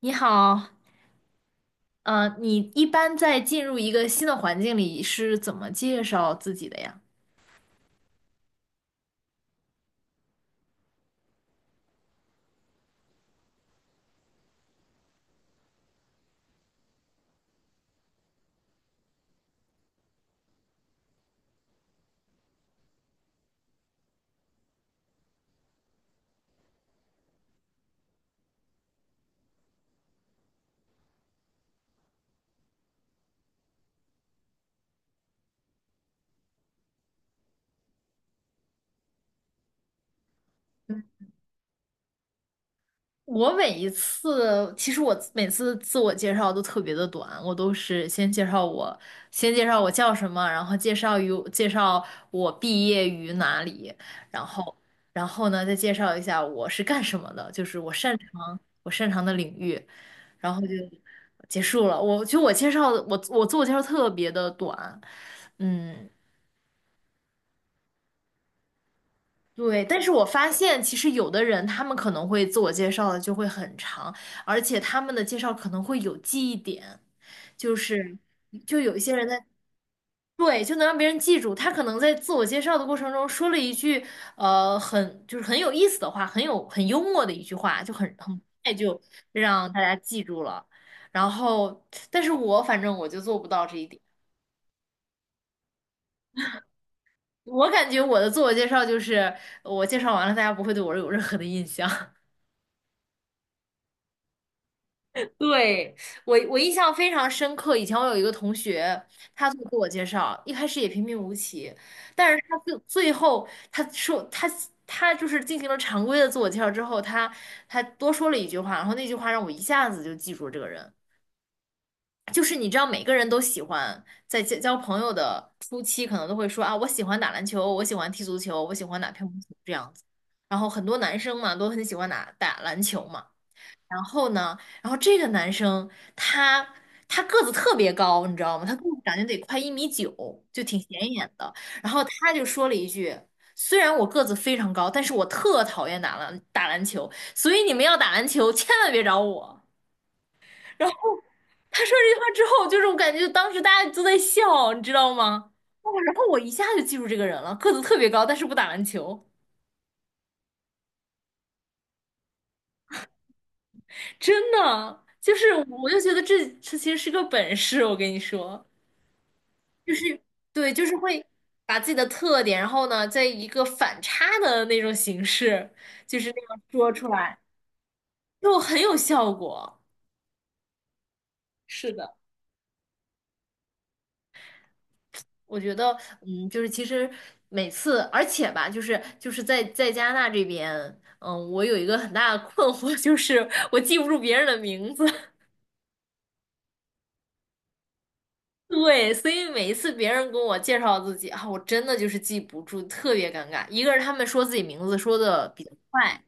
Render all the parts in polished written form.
你好，你一般在进入一个新的环境里是怎么介绍自己的呀？我每一次，其实我每次自我介绍都特别的短，我都是先介绍我叫什么，然后介绍我毕业于哪里，然后然后呢再介绍一下我是干什么的，就是我擅长的领域，然后就结束了。我自我介绍特别的短，嗯。对，但是我发现其实有的人他们可能会自我介绍的就会很长，而且他们的介绍可能会有记忆点，就是就有一些人在，对，就能让别人记住，他可能在自我介绍的过程中说了一句很就是很有意思的话，很有很幽默的一句话，就很快就让大家记住了。然后，但是反正我就做不到这一点，我感觉我的自我介绍就是我介绍完了，大家不会对我有任何的印象。对，我印象非常深刻。以前我有一个同学，他做自我介绍，一开始也平平无奇，但是他最后他说他就是进行了常规的自我介绍之后，他多说了一句话，然后那句话让我一下子就记住了这个人。就是你知道，每个人都喜欢在交朋友的初期，可能都会说啊，我喜欢打篮球，我喜欢踢足球，我喜欢打乒乓球这样子。然后很多男生嘛，都很喜欢打篮球嘛。然后呢，然后这个男生他他个子特别高，你知道吗？他个子感觉得快1米9，就挺显眼的。然后他就说了一句：“虽然我个子非常高，但是我特讨厌打篮球，所以你们要打篮球千万别找我。”然后他说这句话之后，就是我感觉当时大家都在笑，你知道吗？哦，然后我一下就记住这个人了，个子特别高，但是不打篮球，真的，就是我就觉得这其实是个本事，我跟你说。就是对，就是会把自己的特点，然后呢，在一个反差的那种形式，就是那样说出来，就很有效果。是的，我觉得，嗯，就是其实每次，而且吧，就是在加拿大这边，嗯，我有一个很大的困惑，就是我记不住别人的名字。对，所以每一次别人跟我介绍自己啊，我真的就是记不住，特别尴尬。一个是他们说自己名字说的比较快。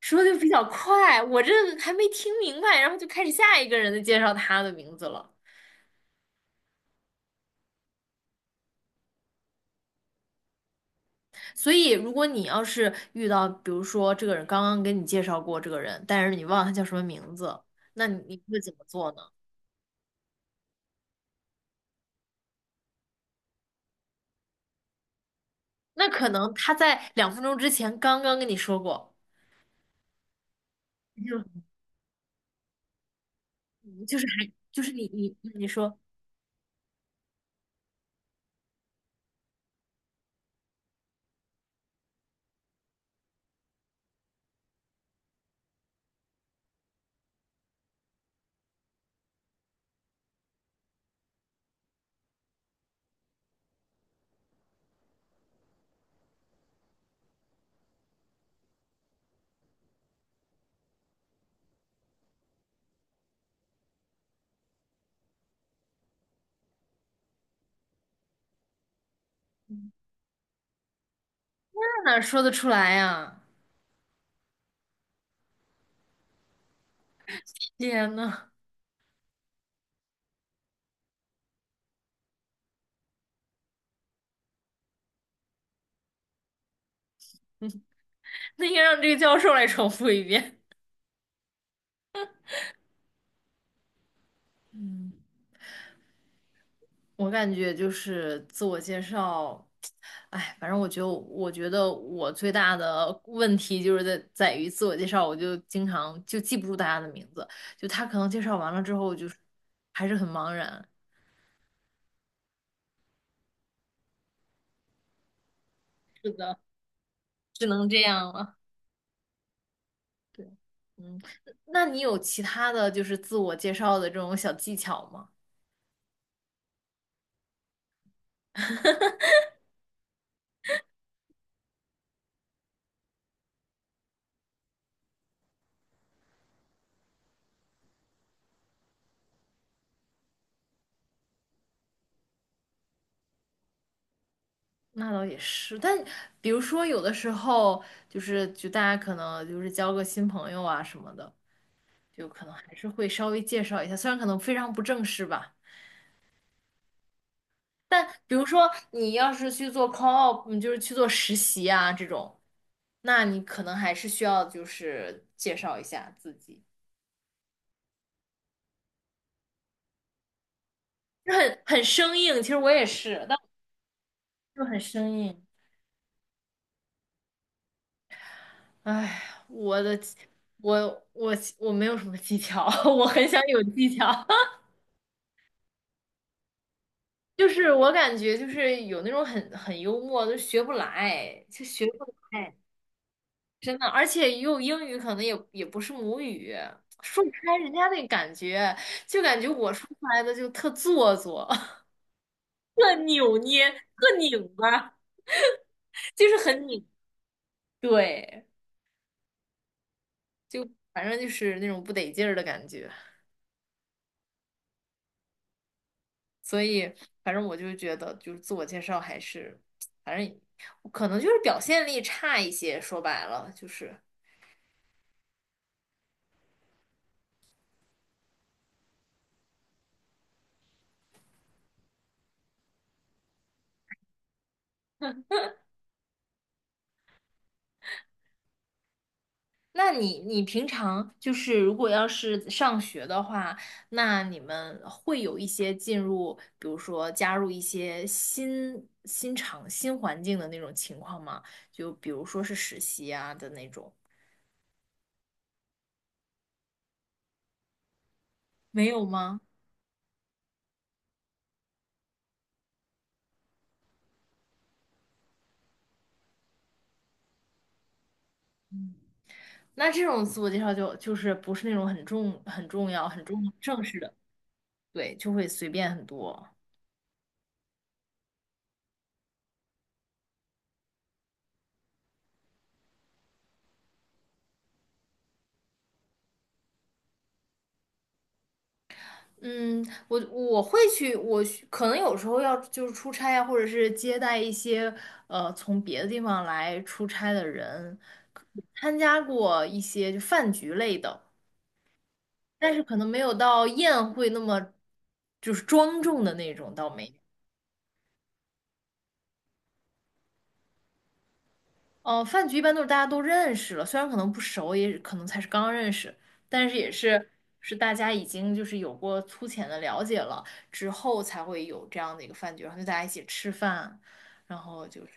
说的比较快，我这还没听明白，然后就开始下一个人的介绍他的名字了。所以，如果你要是遇到，比如说这个人刚刚给你介绍过这个人，但是你忘了他叫什么名字，那你会怎么做呢？那可能他在2分钟之前刚刚跟你说过，就就是还就是你你你说那哪说得出来呀、天呐，那应该让这个教授来重复一遍。嗯。我感觉就是自我介绍，哎，反正我觉得，我最大的问题就是在于自我介绍，我就经常就记不住大家的名字，就他可能介绍完了之后，就是还是很茫然。是的，只能这样了。对，嗯，那你有其他的就是自我介绍的这种小技巧吗？那倒也是，但比如说有的时候就是就大家可能就是交个新朋友啊什么的。就可能还是会稍微介绍一下，虽然可能非常不正式吧。但比如说你要是去做 call out，嗯就是去做实习啊这种，那你可能还是需要就是介绍一下自己，就很生硬。其实我也是，但我就很生硬。哎，我的，我我我没有什么技巧，我很想有技巧。就是我感觉就是有那种很幽默，就学不来，就学不来。真的，而且用英语可能也不是母语，说不出来人家那感觉，就感觉我说出来的就特做作，特扭捏，特拧巴，就是很拧。对，就反正就是那种不得劲儿的感觉。所以，反正我就觉得，就是自我介绍还是，反正可能就是表现力差一些。说白了，就是那你平常就是如果要是上学的话，那你们会有一些进入，比如说加入一些新环境的那种情况吗？就比如说是实习啊的那种，没有吗？那这种自我介绍就是不是那种很重很重要很重正式的，对，就会随便很多。嗯，我会去，我去可能有时候要就是出差啊，或者是接待一些从别的地方来出差的人，可参加过一些就饭局类的，但是可能没有到宴会那么就是庄重的那种，倒没。哦，饭局一般都是大家都认识了，虽然可能不熟，也可能才是刚认识，但是也是大家已经就是有过粗浅的了解了之后，才会有这样的一个饭局，然后就大家一起吃饭，然后就是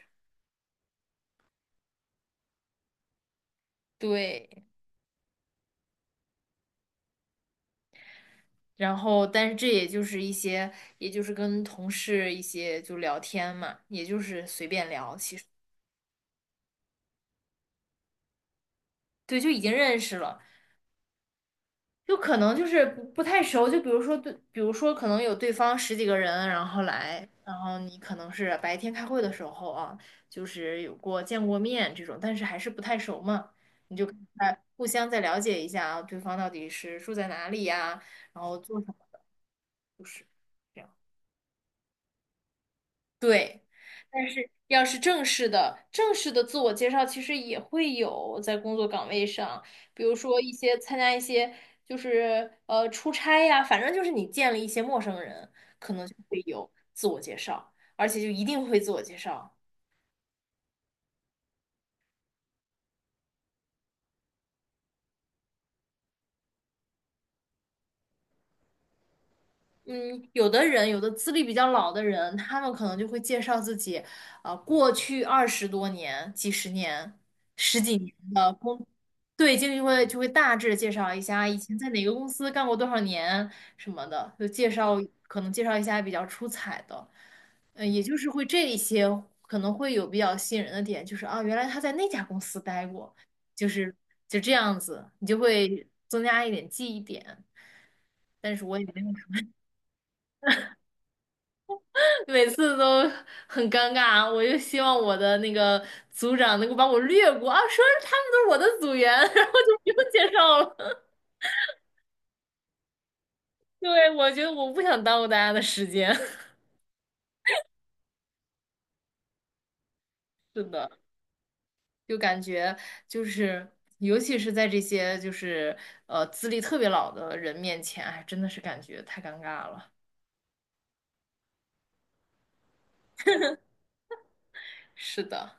对，然后但是这也就是一些，也就是跟同事一些就聊天嘛，也就是随便聊，其实对，就已经认识了，就可能就是不太熟，就比如说对，比如说可能有对方十几个人，然后来，然后你可能是白天开会的时候啊，就是有过见过面这种，但是还是不太熟嘛，你就在互相再了解一下啊，对方到底是住在哪里呀，然后做什么，就是。这样。对，但是要是正式的自我介绍，其实也会有在工作岗位上，比如说一些参加一些就是出差呀，反正就是你见了一些陌生人，可能就会有自我介绍，而且就一定会自我介绍。嗯，有的人，有的资历比较老的人，他们可能就会介绍自己，啊，过去二十多年、几十年、十几年的对，经理就会大致介绍一下以前在哪个公司干过多少年什么的，就介绍可能介绍一下比较出彩的，呃，也就是会这一些可能会有比较吸引人的点，就是啊，原来他在那家公司待过，就是就这样子，你就会增加一点记忆点。但是我也没有，每次都很尴尬，我就希望我的那个组长能够把我略过啊，说他们都是我的组员，然后就不用介绍了。对，我觉得我不想耽误大家的时间。是的，就感觉就是，尤其是在这些就是资历特别老的人面前，哎，真的是感觉太尴尬了。是的，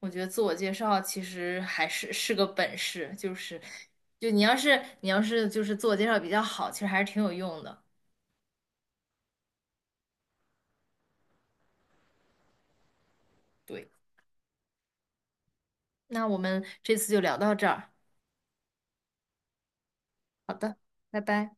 我觉得自我介绍其实还是是个本事，就是就你要是就是自我介绍比较好，其实还是挺有用的。对，那我们这次就聊到这儿。好的，拜拜。